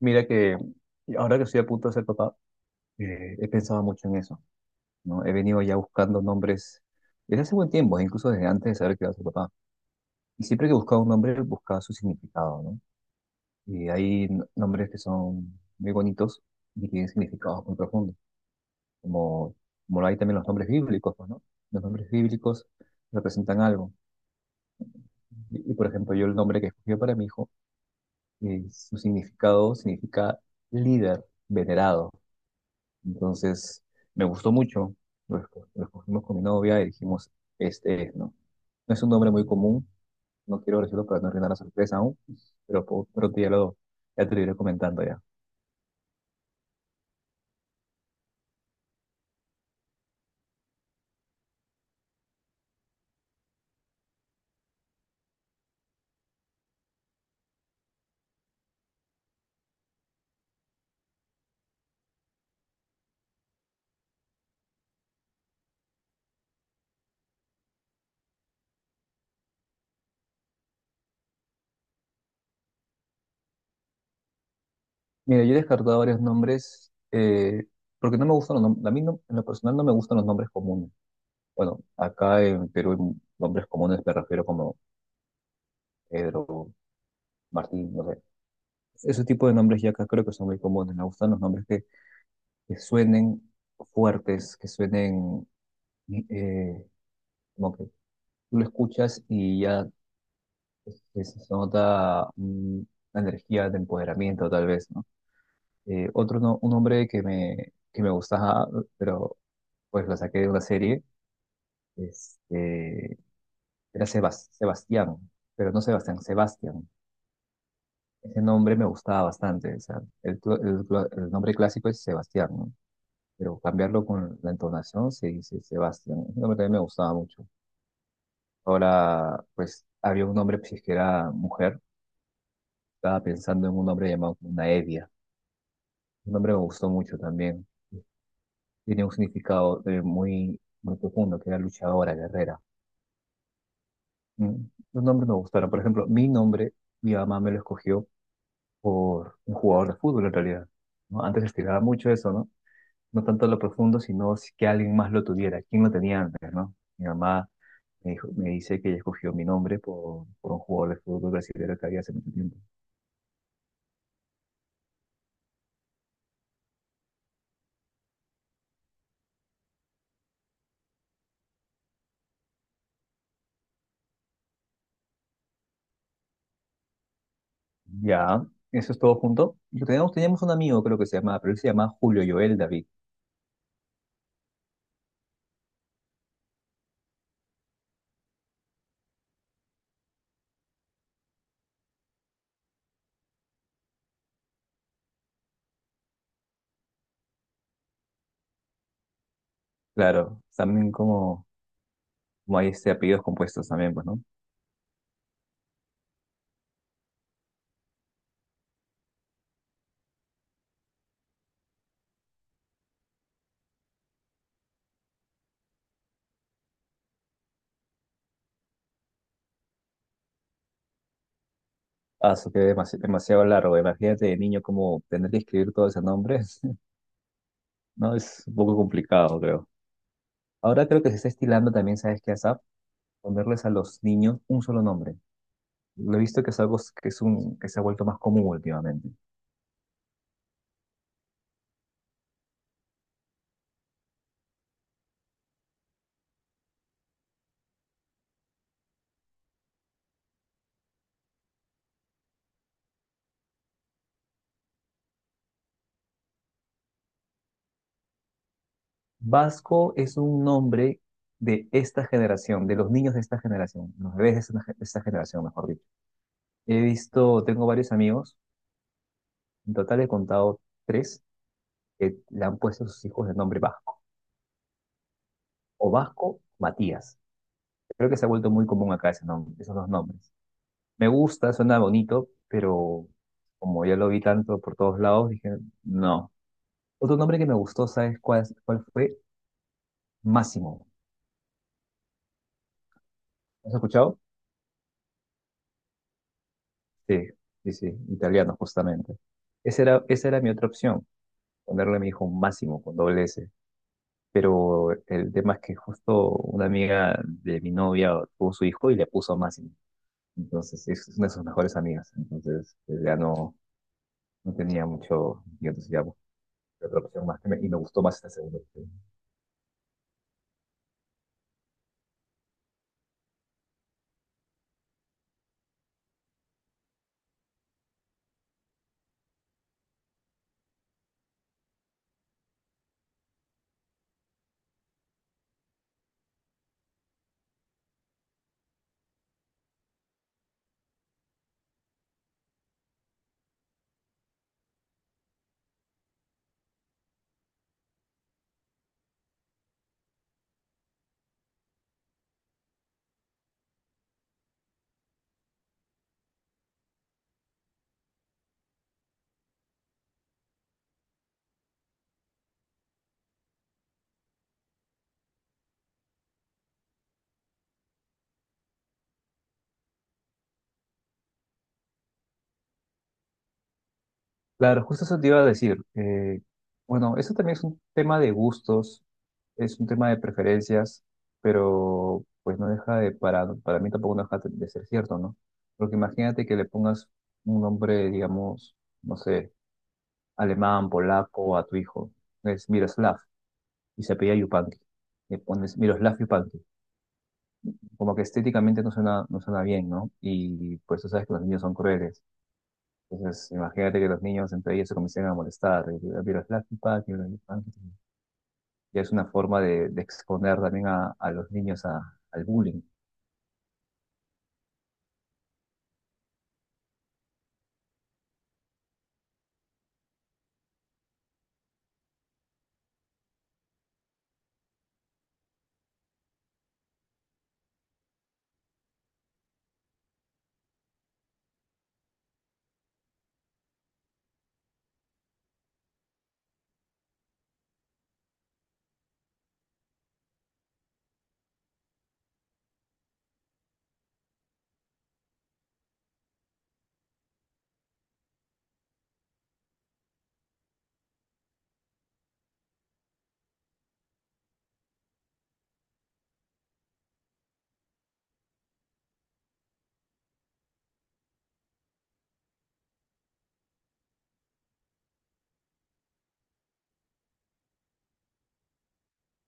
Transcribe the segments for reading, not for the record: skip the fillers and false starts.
Mira que ahora que estoy a punto de ser papá, he pensado mucho en eso, ¿no? He venido ya buscando nombres desde hace buen tiempo, incluso desde antes de saber que iba a ser papá. Y siempre que buscaba un nombre, buscaba su significado, ¿no? Y hay nombres que son muy bonitos y tienen significados muy profundos, como, como lo hay también los nombres bíblicos, pues, ¿no? Los nombres bíblicos representan algo. Y, por ejemplo, yo el nombre que escogí para mi hijo, su significado significa líder, venerado. Entonces, me gustó mucho. Lo escogimos con mi novia y dijimos, este es, ¿no? No es un nombre muy común, no quiero decirlo para no arruinar la sorpresa aún, pero pronto ya, ya te lo iré comentando ya. Mira, yo he descartado varios nombres, porque no me gustan los nombres, a mí en lo personal no me gustan los nombres comunes. Bueno, acá en Perú, en nombres comunes me refiero como Pedro, Martín, no sé. Ese tipo de nombres ya acá creo que son muy comunes. Me gustan los nombres que suenen fuertes, que suenen, eh, como que tú lo escuchas y ya este, se nota una energía de empoderamiento, tal vez, ¿no? Otro no- un hombre que me gustaba, pero pues lo saqué de una serie, este, era Sebastián, pero no Sebastián, Sebastián. Ese nombre me gustaba bastante, o sea, el nombre clásico es Sebastián, ¿no? Pero cambiarlo con la entonación se dice Sebastián. Ese nombre también me gustaba mucho. Ahora, pues, había un hombre, pues, que era mujer. Estaba pensando en un nombre llamado Evia. Un nombre me gustó mucho también. Tiene un significado, muy, muy profundo, que era luchadora, guerrera. Mm, Los nombres me gustaron. Por ejemplo, mi nombre, mi mamá me lo escogió por un jugador de fútbol, en realidad, ¿no? Antes estiraba mucho eso, ¿no? No tanto lo profundo, sino que alguien más lo tuviera. ¿Quién lo tenía antes, no? Mi mamá me dice que ella escogió mi nombre por un jugador de fútbol brasileño que había hace mucho tiempo. Ya, eso es todo junto. Teníamos un amigo, creo que se llamaba, pero él se llamaba Julio Joel David. Claro, también como, como hay este apellidos compuestos también, pues, ¿no? Ah, eso que es demasiado largo. Imagínate de niño como tener que escribir todos esos nombres ¿no? Es un poco complicado, creo. Ahora creo que se está estilando también, ¿sabes qué? ASAP. Ponerles a los niños un solo nombre. Lo he visto que es algo que, es un, que se ha vuelto más común últimamente. Vasco es un nombre de esta generación, de los niños de esta generación, los bebés de esta generación, mejor dicho. He visto, tengo varios amigos, en total he contado tres, que le han puesto a sus hijos el nombre Vasco, o Vasco Matías. Creo que se ha vuelto muy común acá ese nombre, esos dos nombres. Me gusta, suena bonito, pero como ya lo vi tanto por todos lados, dije, no. Otro nombre que me gustó, ¿sabes cuál, cuál fue? Máximo. ¿Has escuchado? Sí, sí, sí, italiano justamente. Esa era mi otra opción, ponerle a mi hijo Máximo con doble S. Pero el tema es que justo una amiga de mi novia tuvo su hijo y le puso Máximo. Entonces es una de sus mejores amigas. Entonces pues, ya no, no tenía mucho mucho entusiasmo. Otra opción más y me gustó más esta segunda opción. Claro, justo eso te iba a decir. Bueno, eso también es un tema de gustos, es un tema de preferencias, pero pues no deja de, para mí tampoco no deja de ser cierto, ¿no? Porque imagínate que le pongas un nombre, digamos, no sé, alemán, polaco a tu hijo, es Miroslav, y se apellida Yupanqui. Le pones Miroslav Yupanqui. Como que estéticamente no suena bien, ¿no? Y pues tú sabes que los niños son crueles. Entonces, imagínate que los niños entre ellos se comiencen a molestar, y la vida es plástica, que mira el Flash Pack, mira, ya es una forma de exponer también a los niños al bullying.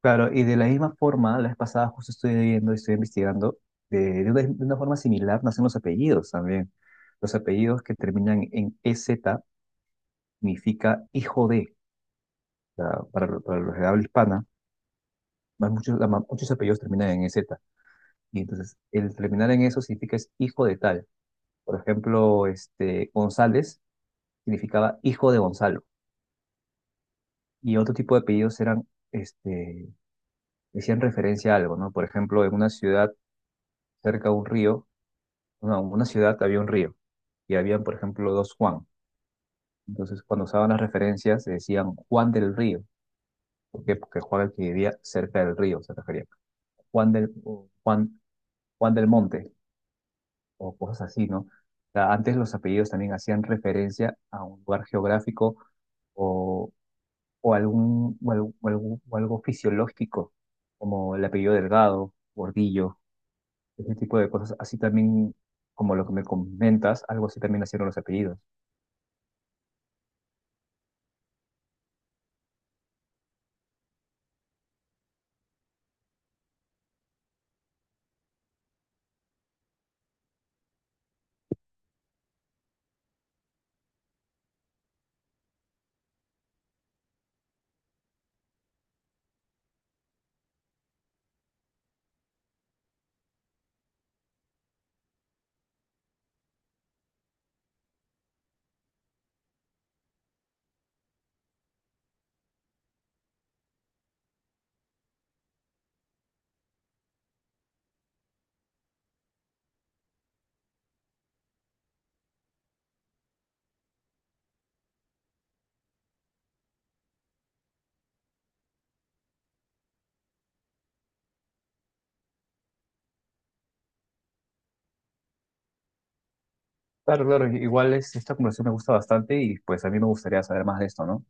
Claro, y de la misma forma, la vez pasada justo estoy viendo y estoy investigando, de una forma similar nacen los apellidos también. Los apellidos que terminan en EZ significa hijo de. O sea, para los de habla hispana, más muchos, muchos apellidos terminan en E z. Y entonces, el terminar en eso significa es hijo de tal. Por ejemplo, González significaba hijo de Gonzalo. Y otro tipo de apellidos eran, decían referencia a algo, ¿no? Por ejemplo, en una ciudad cerca de un río, no, en una ciudad había un río y habían, por ejemplo, dos Juan. Entonces, cuando usaban las referencias, se decían Juan del Río. ¿Por qué? Porque Juan, el que vivía cerca del río, se refería. Juan del, o Juan, Juan del Monte, o cosas así, ¿no? O sea, antes los apellidos también hacían referencia a un lugar geográfico, o, o algún, o algo fisiológico, como el apellido Delgado, Gordillo, ese tipo de cosas. Así también, como lo que me comentas, algo así también nacieron los apellidos. Claro, claro, igual esta conversación me gusta bastante y pues a mí me gustaría saber más de esto, ¿no?